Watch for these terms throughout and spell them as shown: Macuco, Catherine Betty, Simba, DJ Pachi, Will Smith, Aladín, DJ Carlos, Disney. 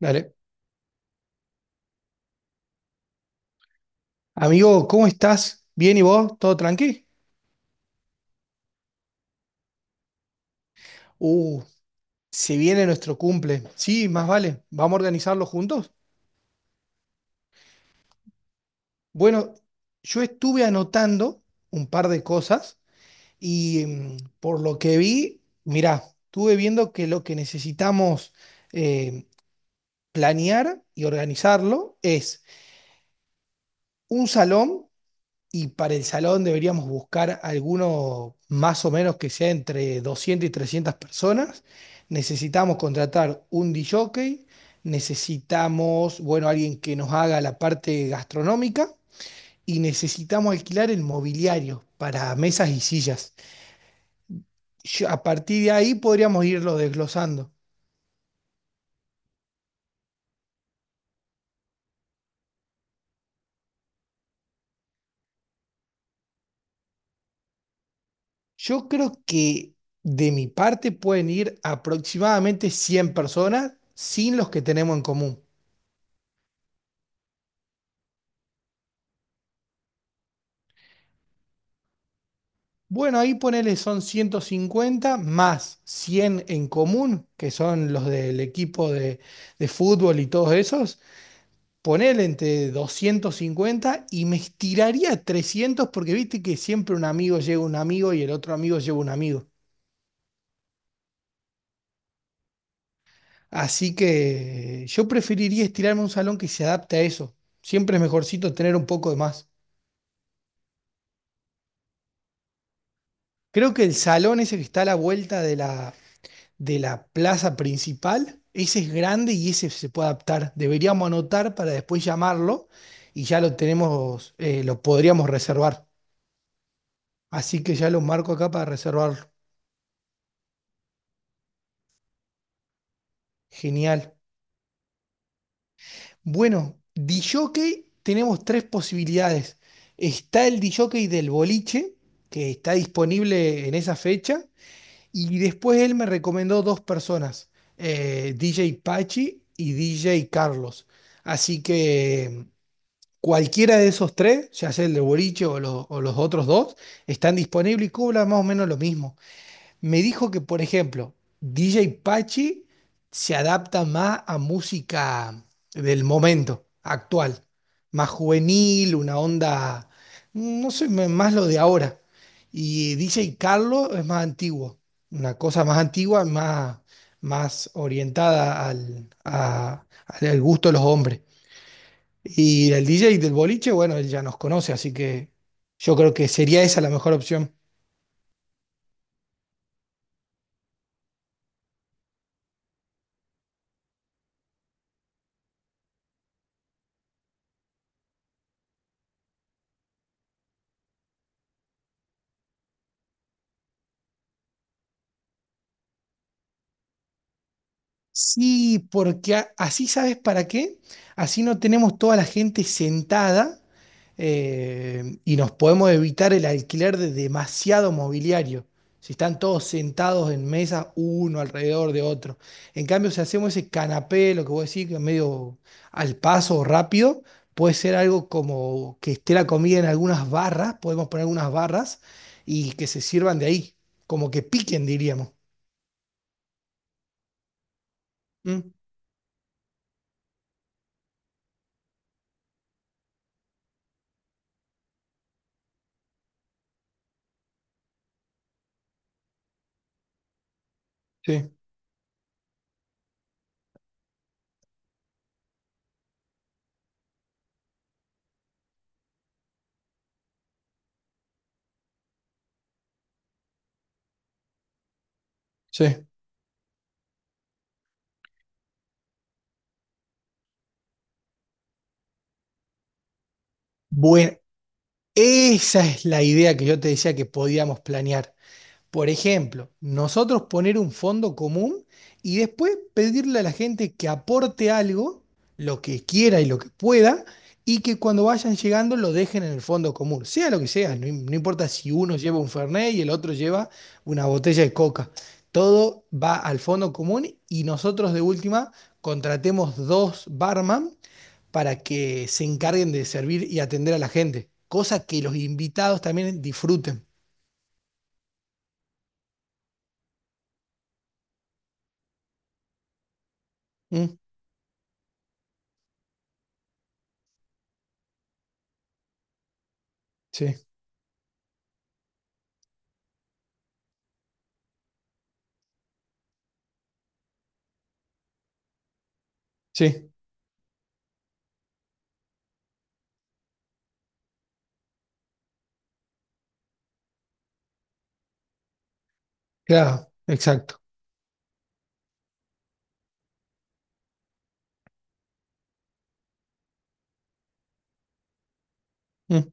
Dale. Amigo, ¿cómo estás? ¿Bien y vos? ¿Todo tranqui? Uh, Se viene nuestro cumple. Sí, más vale. ¿Vamos a organizarlo juntos? Bueno, yo estuve anotando un par de cosas y por lo que vi, mirá, estuve viendo que lo que necesitamos eh, planear y organizarlo es un salón. Y para el salón deberíamos buscar alguno más o menos que sea entre 200 y 300 personas. Necesitamos contratar un DJ, jockey, necesitamos, bueno, alguien que nos haga la parte gastronómica y necesitamos alquilar el mobiliario para mesas y sillas. A partir de ahí podríamos irlo desglosando. Yo creo que de mi parte pueden ir aproximadamente 100 personas sin los que tenemos en común. Bueno, ahí ponele son 150 más 100 en común, que son los del equipo de fútbol y todos esos. Ponele entre 250 y me estiraría a 300 porque viste que siempre un amigo lleva un amigo y el otro amigo lleva un amigo. Así que yo preferiría estirarme a un salón que se adapte a eso. Siempre es mejorcito tener un poco de más. Creo que el salón ese que está a la vuelta de la plaza principal. Ese es grande y ese se puede adaptar. Deberíamos anotar para después llamarlo y ya lo tenemos, lo podríamos reservar. Así que ya lo marco acá para reservarlo. Genial. Bueno, disjockey tenemos tres posibilidades. Está el disjockey del boliche, que está disponible en esa fecha, y después él me recomendó dos personas, DJ Pachi y DJ Carlos. Así que cualquiera de esos tres, ya sea el de Boliche o o los otros dos, están disponibles y cobran más o menos lo mismo. Me dijo que, por ejemplo, DJ Pachi se adapta más a música del momento actual, más juvenil, una onda, no sé, más lo de ahora. Y DJ Carlos es más antiguo, una cosa más antigua, más orientada al gusto de los hombres. Y el DJ del boliche, bueno, él ya nos conoce, así que yo creo que sería esa la mejor opción. Sí, porque así sabes para qué. Así no tenemos toda la gente sentada, y nos podemos evitar el alquiler de demasiado mobiliario. Si están todos sentados en mesas, uno alrededor de otro. En cambio, si hacemos ese canapé, lo que vos decís, que es medio al paso o rápido, puede ser algo como que esté la comida en algunas barras, podemos poner algunas barras y que se sirvan de ahí, como que piquen, diríamos. Mm, sí, sí. Bueno, esa es la idea que yo te decía que podíamos planear. Por ejemplo, nosotros poner un fondo común y después pedirle a la gente que aporte algo, lo que quiera y lo que pueda, y que cuando vayan llegando lo dejen en el fondo común, sea lo que sea, no, no importa si uno lleva un Fernet y el otro lleva una botella de coca, todo va al fondo común y nosotros de última contratemos dos barman para que se encarguen de servir y atender a la gente, cosa que los invitados también disfruten. Mm, sí, sí. Claro, exacto. Mm.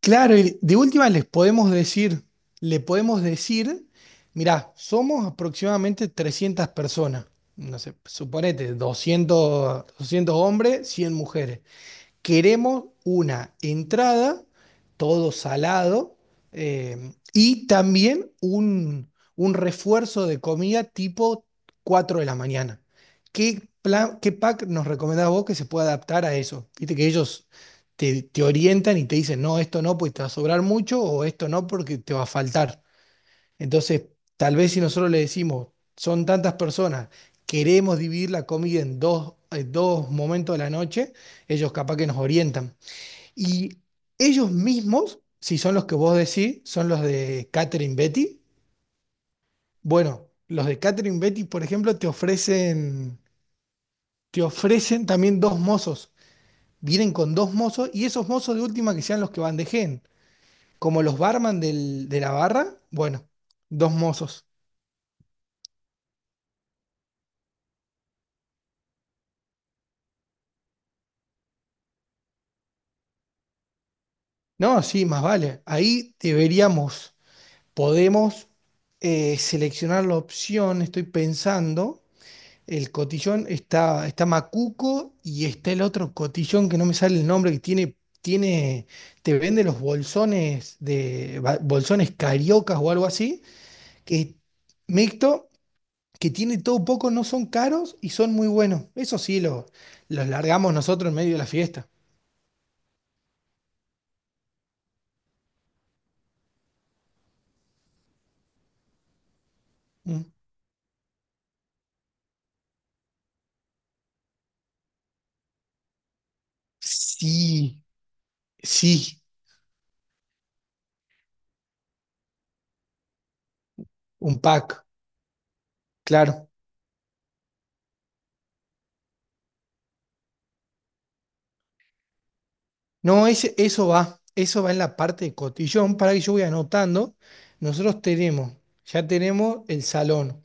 Claro, y de última les podemos decir, le podemos decir, mirá, somos aproximadamente 300 personas, no sé, suponete, 200, 200 hombres, 100 mujeres. Queremos una entrada, todo salado, y también un refuerzo de comida tipo 4 de la mañana. ¿Qué plan, qué pack nos recomendás vos que se pueda adaptar a eso? Viste que ellos te orientan y te dicen, no, esto no, porque te va a sobrar mucho, o esto no, porque te va a faltar. Entonces, tal vez si nosotros le decimos, son tantas personas, queremos dividir la comida en dos momentos de la noche, ellos capaz que nos orientan. Y ellos mismos, si son los que vos decís, son los de Catherine Betty. Bueno, los de Catherine Betty, por ejemplo, te ofrecen también dos mozos. Vienen con dos mozos y esos mozos de última que sean los que bandejeen. Como los barman de la barra, bueno, dos mozos. No, sí, más vale. Ahí deberíamos, podemos seleccionar la opción, estoy pensando, el cotillón está Macuco y está el otro cotillón que no me sale el nombre, que tiene, te vende los bolsones de bolsones cariocas o algo así, que mixto, que tiene todo poco, no son caros y son muy buenos. Eso sí, los largamos nosotros en medio de la fiesta. Mm. Sí, sí, un pack. Claro. No, eso va. Eso va en la parte de cotillón para que yo voy anotando. Nosotros tenemos, ya tenemos el salón.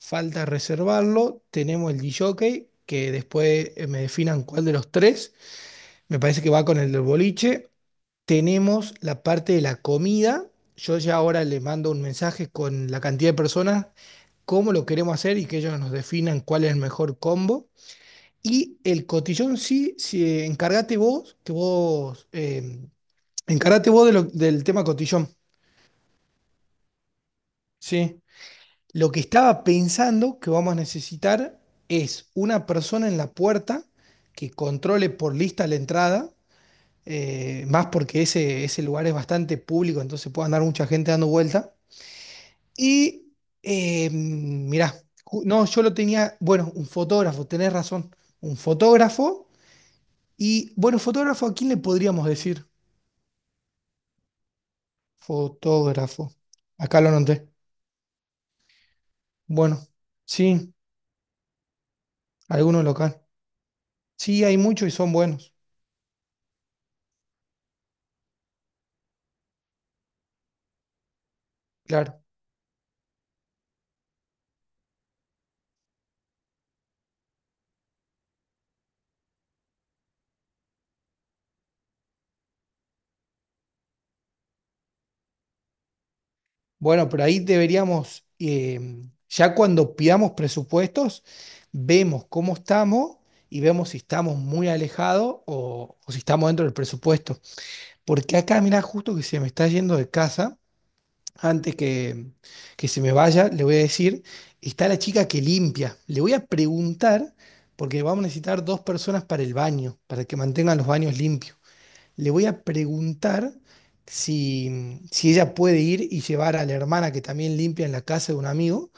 Falta reservarlo. Tenemos el DJ, jockey, que después me definan cuál de los tres. Me parece que va con el del boliche. Tenemos la parte de la comida. Yo ya ahora le mando un mensaje con la cantidad de personas, cómo lo queremos hacer y que ellos nos definan cuál es el mejor combo. Y el cotillón sí, sí, encárgate vos, encárgate vos del tema cotillón, ¿sí? Lo que estaba pensando que vamos a necesitar es una persona en la puerta que controle por lista la entrada, más porque ese lugar es bastante público, entonces puede andar mucha gente dando vuelta. Y, mirá, no, yo lo tenía, bueno, un fotógrafo, tenés razón, un fotógrafo. Y, bueno, fotógrafo, ¿a quién le podríamos decir? Fotógrafo. Acá lo noté. Bueno, sí, algunos local. Sí, hay muchos y son buenos, claro. Bueno, pero ahí deberíamos, ya cuando pidamos presupuestos, vemos cómo estamos y vemos si estamos muy alejados o si estamos dentro del presupuesto. Porque acá, mirá, justo que se me está yendo de casa antes que se me vaya, le voy a decir, está la chica que limpia. Le voy a preguntar, porque vamos a necesitar dos personas para el baño, para que mantengan los baños limpios. Le voy a preguntar si ella puede ir y llevar a la hermana que también limpia en la casa de un amigo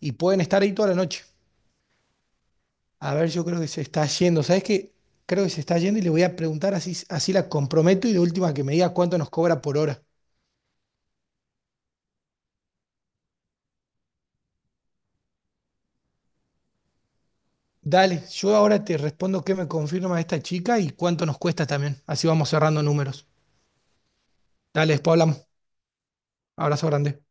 y pueden estar ahí toda la noche. A ver, yo creo que se está yendo. ¿Sabes qué? Creo que se está yendo y le voy a preguntar así, así la comprometo y de última que me diga cuánto nos cobra por hora. Dale, yo ahora te respondo qué me confirma esta chica y cuánto nos cuesta también. Así vamos cerrando números. Dale, después hablamos. Abrazo grande.